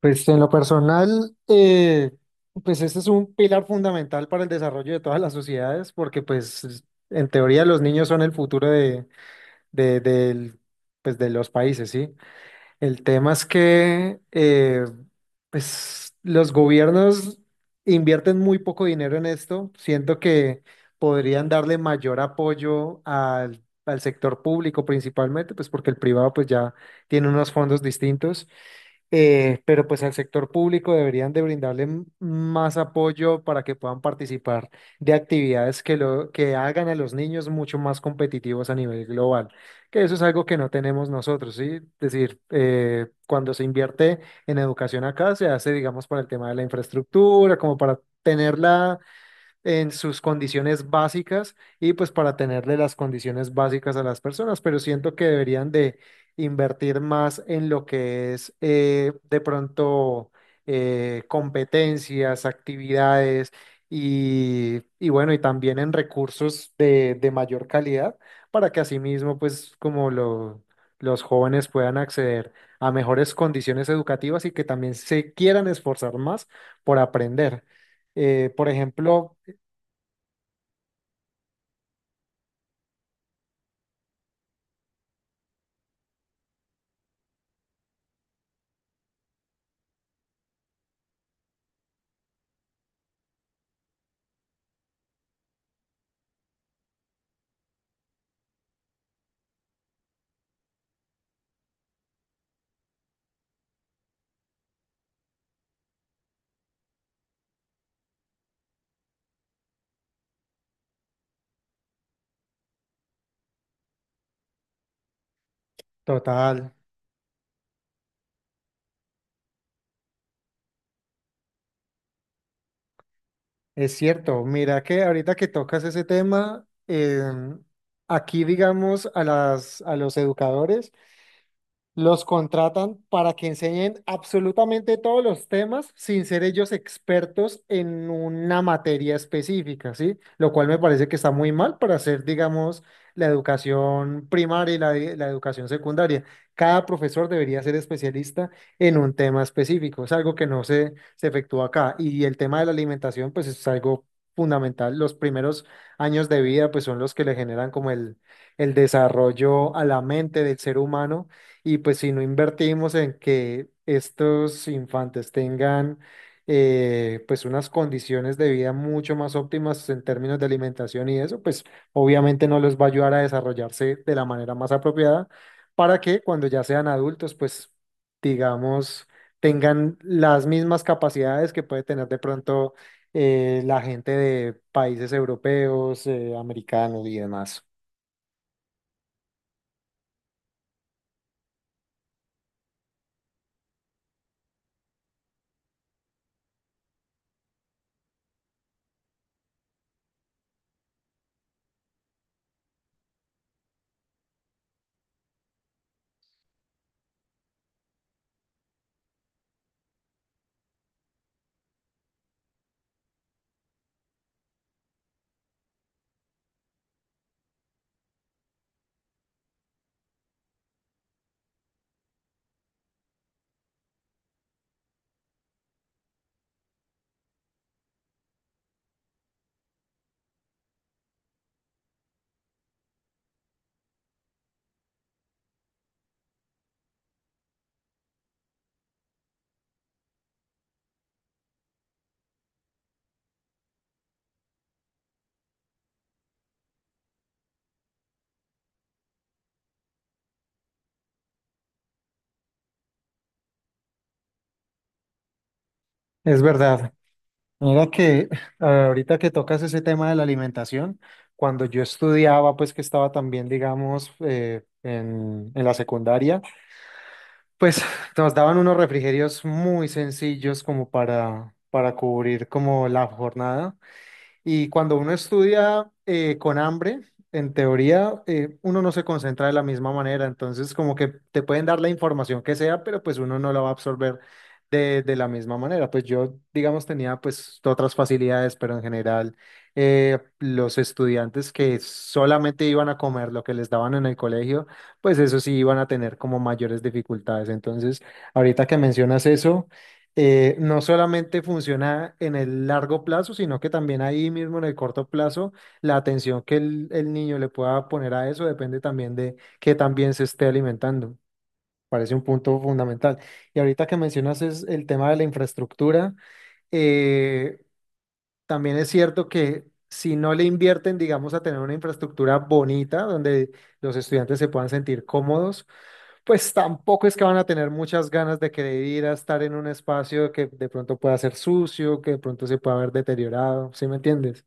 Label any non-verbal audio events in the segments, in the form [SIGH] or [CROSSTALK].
Pues en lo personal, pues este es un pilar fundamental para el desarrollo de todas las sociedades, porque pues en teoría los niños son el futuro de, del- pues, de los países, ¿sí? El tema es que pues los gobiernos invierten muy poco dinero en esto, siento que podrían darle mayor apoyo al sector público principalmente, pues porque el privado pues ya tiene unos fondos distintos, pero pues al sector público deberían de brindarle más apoyo para que puedan participar de actividades que hagan a los niños mucho más competitivos a nivel global, que eso es algo que no tenemos nosotros, ¿sí? Es decir, cuando se invierte en educación acá, se hace, digamos, para el tema de la infraestructura, como para tenerla en sus condiciones básicas y pues para tenerle las condiciones básicas a las personas, pero siento que deberían de invertir más en lo que es de pronto competencias, actividades y bueno, y también en recursos de mayor calidad para que asimismo pues los jóvenes puedan acceder a mejores condiciones educativas y que también se quieran esforzar más por aprender. Por ejemplo, total, es cierto. Mira que ahorita que tocas ese tema, aquí digamos a a los educadores, los contratan para que enseñen absolutamente todos los temas sin ser ellos expertos en una materia específica, ¿sí? Lo cual me parece que está muy mal para hacer, digamos, la educación primaria y la educación secundaria. Cada profesor debería ser especialista en un tema específico. Es algo que no se, se efectúa acá. Y el tema de la alimentación, pues es algo fundamental. Los primeros años de vida, pues son los que le generan como el desarrollo a la mente del ser humano, y pues si no invertimos en que estos infantes tengan, pues, unas condiciones de vida mucho más óptimas en términos de alimentación y eso, pues obviamente no les va a ayudar a desarrollarse de la manera más apropiada para que cuando ya sean adultos, pues digamos, tengan las mismas capacidades que puede tener de pronto la gente de países europeos, americanos y demás. Es verdad. Mira que ahorita que tocas ese tema de la alimentación, cuando yo estudiaba, pues que estaba también, digamos, en la secundaria, pues [LAUGHS] nos daban unos refrigerios muy sencillos como para cubrir como la jornada. Y cuando uno estudia con hambre, en teoría, uno no se concentra de la misma manera. Entonces, como que te pueden dar la información que sea, pero pues uno no la va a absorber de la misma manera. Pues yo, digamos, tenía pues otras facilidades, pero en general, los estudiantes que solamente iban a comer lo que les daban en el colegio, pues eso sí iban a tener como mayores dificultades. Entonces, ahorita que mencionas eso, no solamente funciona en el largo plazo, sino que también ahí mismo en el corto plazo, la atención que el niño le pueda poner a eso depende también de que también se esté alimentando. Parece un punto fundamental. Y ahorita que mencionas es el tema de la infraestructura, eh, también es cierto que si no le invierten, digamos, a tener una infraestructura bonita donde los estudiantes se puedan sentir cómodos, pues tampoco es que van a tener muchas ganas de querer ir a estar en un espacio que de pronto pueda ser sucio, que de pronto se pueda ver deteriorado, ¿sí me entiendes?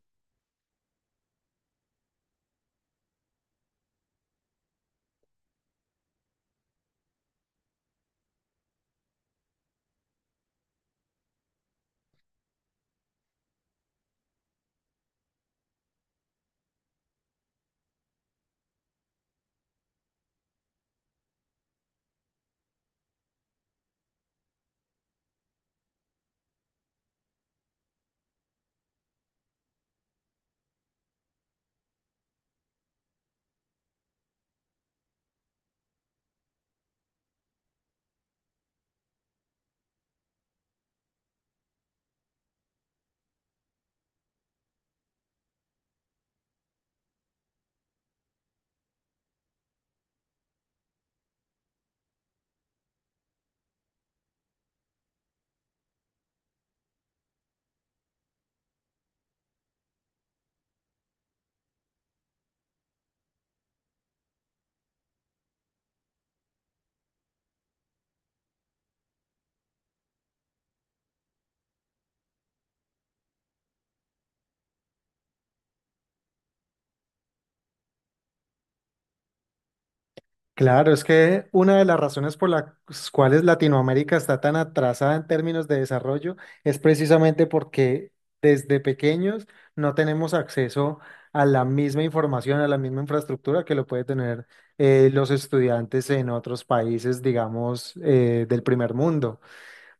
Claro, es que una de las razones por las cuales Latinoamérica está tan atrasada en términos de desarrollo es precisamente porque desde pequeños no tenemos acceso a la misma información, a la misma infraestructura que lo puede tener, los estudiantes en otros países, digamos, del primer mundo,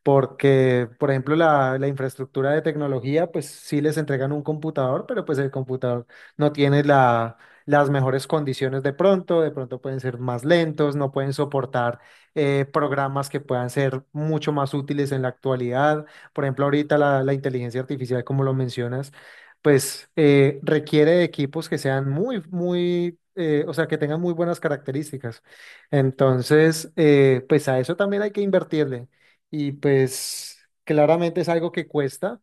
porque, por ejemplo, la infraestructura de tecnología, pues sí les entregan un computador, pero pues el computador no tiene las mejores condiciones de pronto pueden ser más lentos, no pueden soportar programas que puedan ser mucho más útiles en la actualidad. Por ejemplo, ahorita la inteligencia artificial, como lo mencionas, pues requiere de equipos que sean muy, muy... o sea, que tengan muy buenas características. Entonces, pues a eso también hay que invertirle, y pues claramente es algo que cuesta,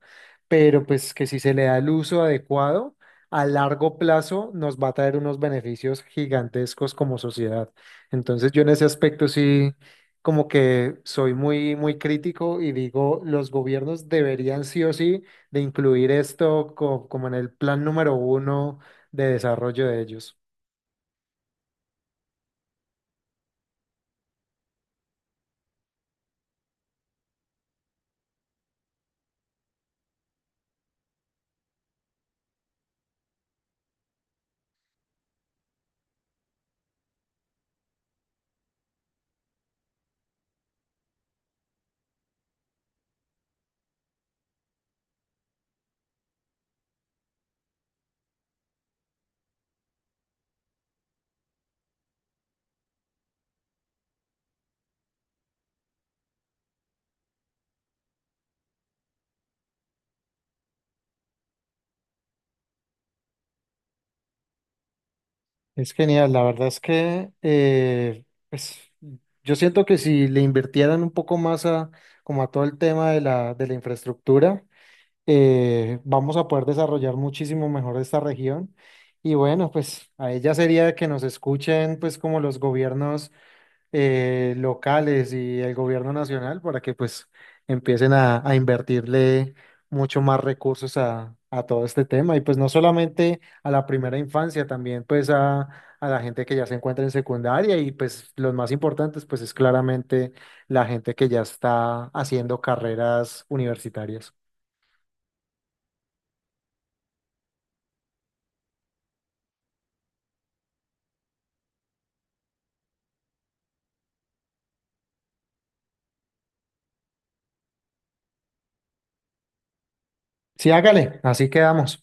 pero pues que si se le da el uso adecuado, a largo plazo nos va a traer unos beneficios gigantescos como sociedad. Entonces yo en ese aspecto sí como que soy muy muy crítico y digo, los gobiernos deberían sí o sí de incluir esto como en el plan número 1 de desarrollo de ellos. Es genial, la verdad es que pues, yo siento que si le invirtieran un poco más a, como a todo el tema de de la infraestructura, vamos a poder desarrollar muchísimo mejor esta región. Y bueno, pues a ella sería que nos escuchen pues como los gobiernos locales y el gobierno nacional para que pues empiecen a invertirle mucho más recursos a todo este tema, y pues no solamente a la primera infancia, también pues a la gente que ya se encuentra en secundaria y pues los más importantes pues es claramente la gente que ya está haciendo carreras universitarias. Sí, hágale, así quedamos.